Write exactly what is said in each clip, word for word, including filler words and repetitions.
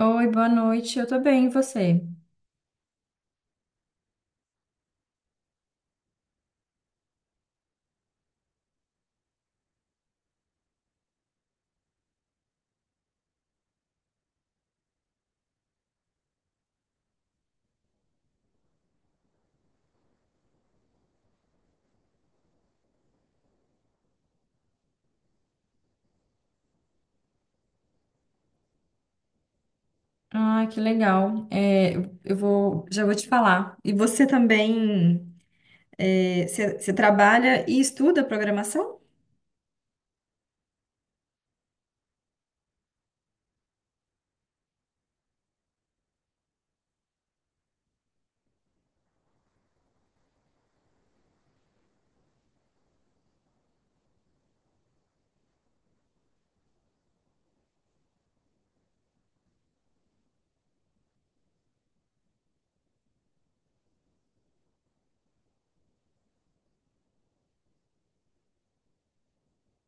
Oi, boa noite. Eu tô bem, e você? Ah, que legal. É, eu vou, já vou te falar. E você também, é, você você trabalha e estuda programação?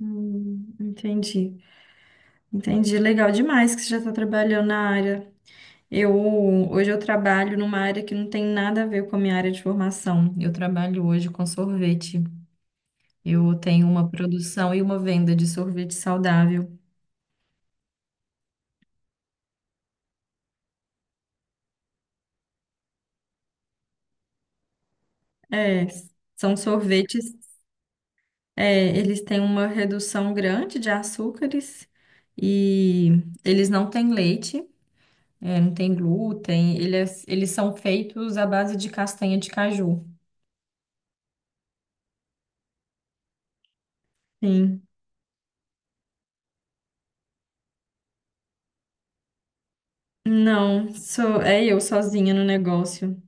Hum, entendi, entendi. Legal demais que você já está trabalhando na área. Eu Hoje eu trabalho numa área que não tem nada a ver com a minha área de formação. Eu trabalho hoje com sorvete. Eu tenho uma produção e uma venda de sorvete saudável. É, são sorvetes. É, eles têm uma redução grande de açúcares e eles não têm leite, é, não tem glúten, eles, eles são feitos à base de castanha de caju. Sim. Não, sou, é eu sozinha no negócio.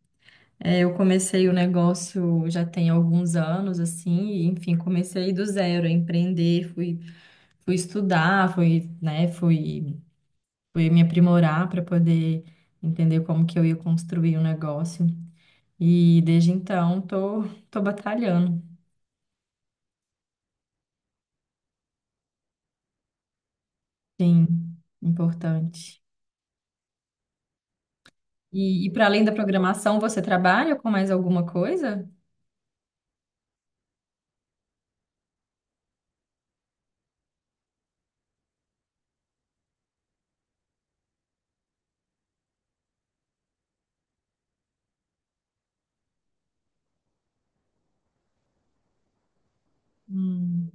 É, eu comecei o negócio já tem alguns anos, assim, e, enfim, comecei do zero a empreender, fui, fui estudar, fui, né, fui, fui me aprimorar para poder entender como que eu ia construir o negócio. E desde então tô, tô batalhando. Sim, importante. E, e para além da programação, você trabalha com mais alguma coisa? Hum,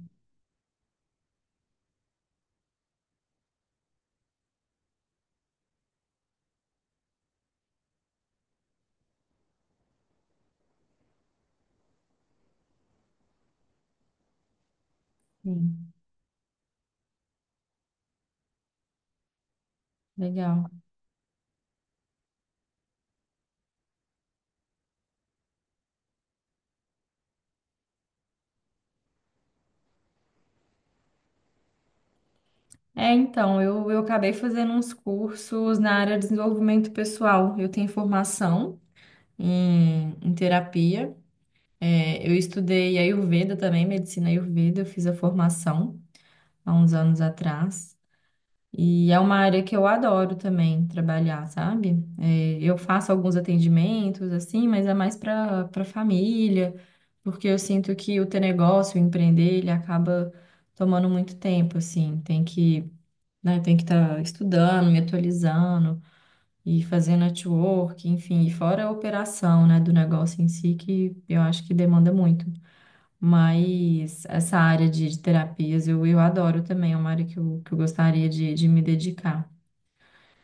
sim, legal. É, então, eu, eu acabei fazendo uns cursos na área de desenvolvimento pessoal. Eu tenho formação em, em terapia. É, eu estudei Ayurveda também, medicina Ayurveda, eu fiz a formação há uns anos atrás. E é uma área que eu adoro também trabalhar, sabe? É, eu faço alguns atendimentos, assim, mas é mais para para família, porque eu sinto que o ter negócio, o empreender, ele acaba tomando muito tempo, assim. Tem que, né, tem que estar estudando, me atualizando e fazendo network, enfim, e fora a operação, né, do negócio em si, que eu acho que demanda muito. Mas essa área de, de terapias eu, eu adoro também, é uma área que eu, que eu gostaria de, de me dedicar.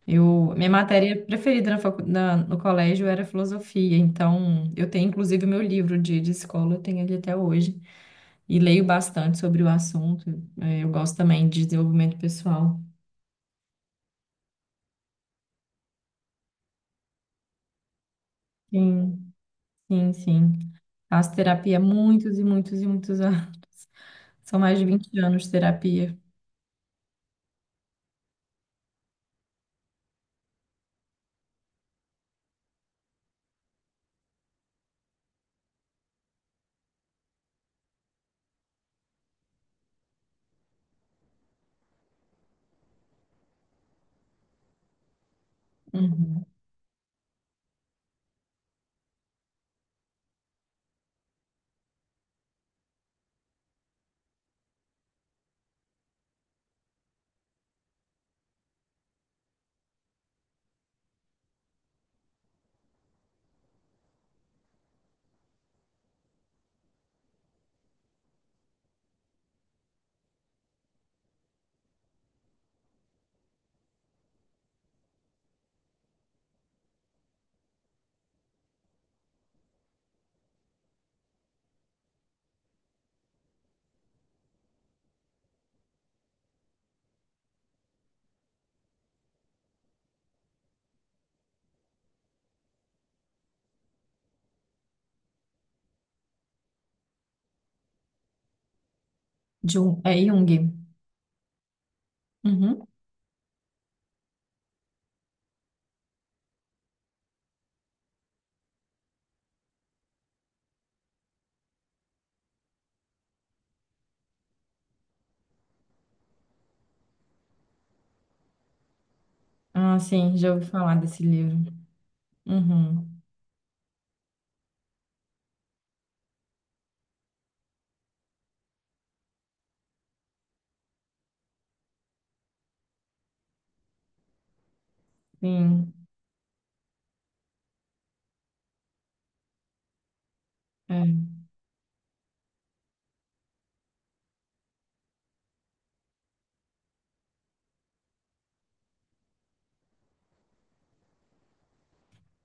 Eu, minha matéria preferida na facu- na- no colégio era filosofia, então eu tenho inclusive o meu livro de, de escola, eu tenho ele até hoje, e leio bastante sobre o assunto. Eh, Eu gosto também de desenvolvimento pessoal. Sim, sim, sim. Faço terapia há muitos e muitos e muitos anos. São mais de vinte anos de terapia. Uhum. Jung, é Jung. Uhum. Ah, sim, já ouvi falar desse livro. Uhum. Sim. É.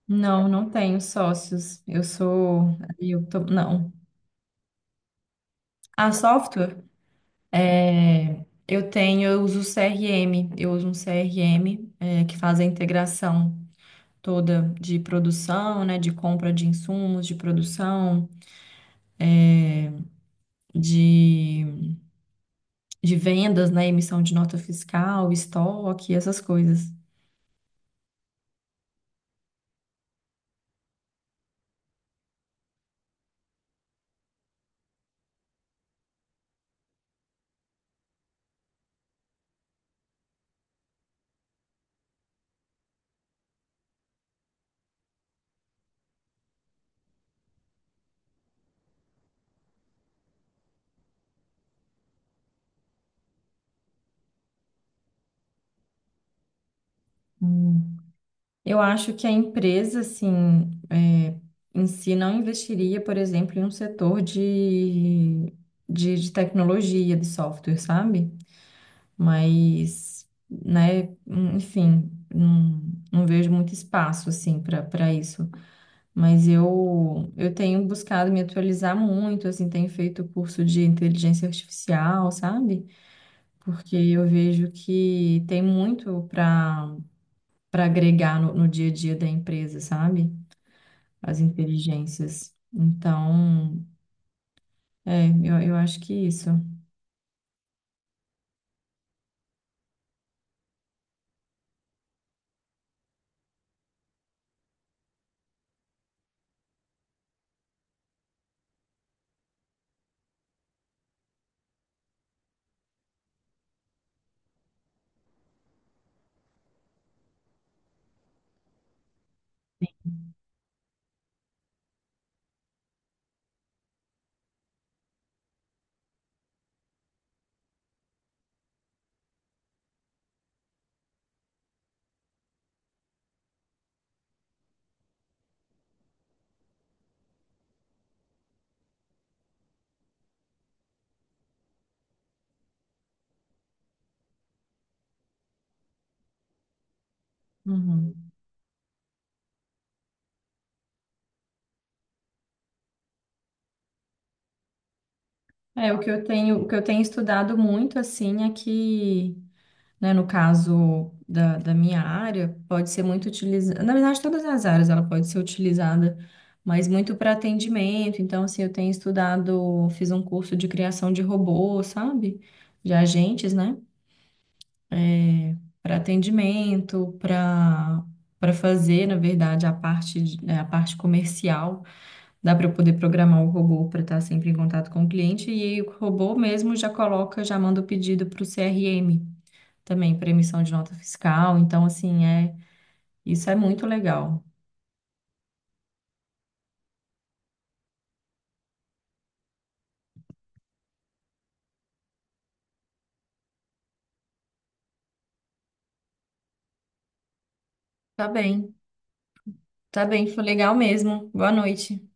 Não, não tenho sócios. Eu sou. Eu tô... Não. A software, é, eu tenho, eu uso C R M, eu uso um C R M, é, que faz a integração toda de produção, né, de compra de insumos, de produção, de, de vendas, né, emissão de nota fiscal, estoque, essas coisas. Hum. Eu acho que a empresa, assim, é, em si não investiria, por exemplo, em um setor de, de, de tecnologia, de software, sabe? Mas, né, enfim, não, não vejo muito espaço assim para para isso. Mas eu eu tenho buscado me atualizar muito, assim, tenho feito curso de inteligência artificial, sabe? Porque eu vejo que tem muito para para agregar no, no dia a dia da empresa, sabe? As inteligências. Então, é, eu, eu acho que isso. Uhum. É, o que eu tenho, o que eu tenho estudado muito, assim, é que né, no caso da, da minha área, pode ser muito utilizada. Na verdade, todas as áreas ela pode ser utilizada, mas muito para atendimento. Então, assim, eu tenho estudado, fiz um curso de criação de robô, sabe? De agentes, né? Para atendimento, para para fazer, na verdade, a parte, de- né, a parte comercial. Dá para eu poder programar o robô para estar sempre em contato com o cliente e aí o robô mesmo já coloca, já manda o pedido para o C R M também para emissão de nota fiscal. Então, assim, é, isso é muito legal. Tá bem, tá bem, foi legal mesmo. Boa noite.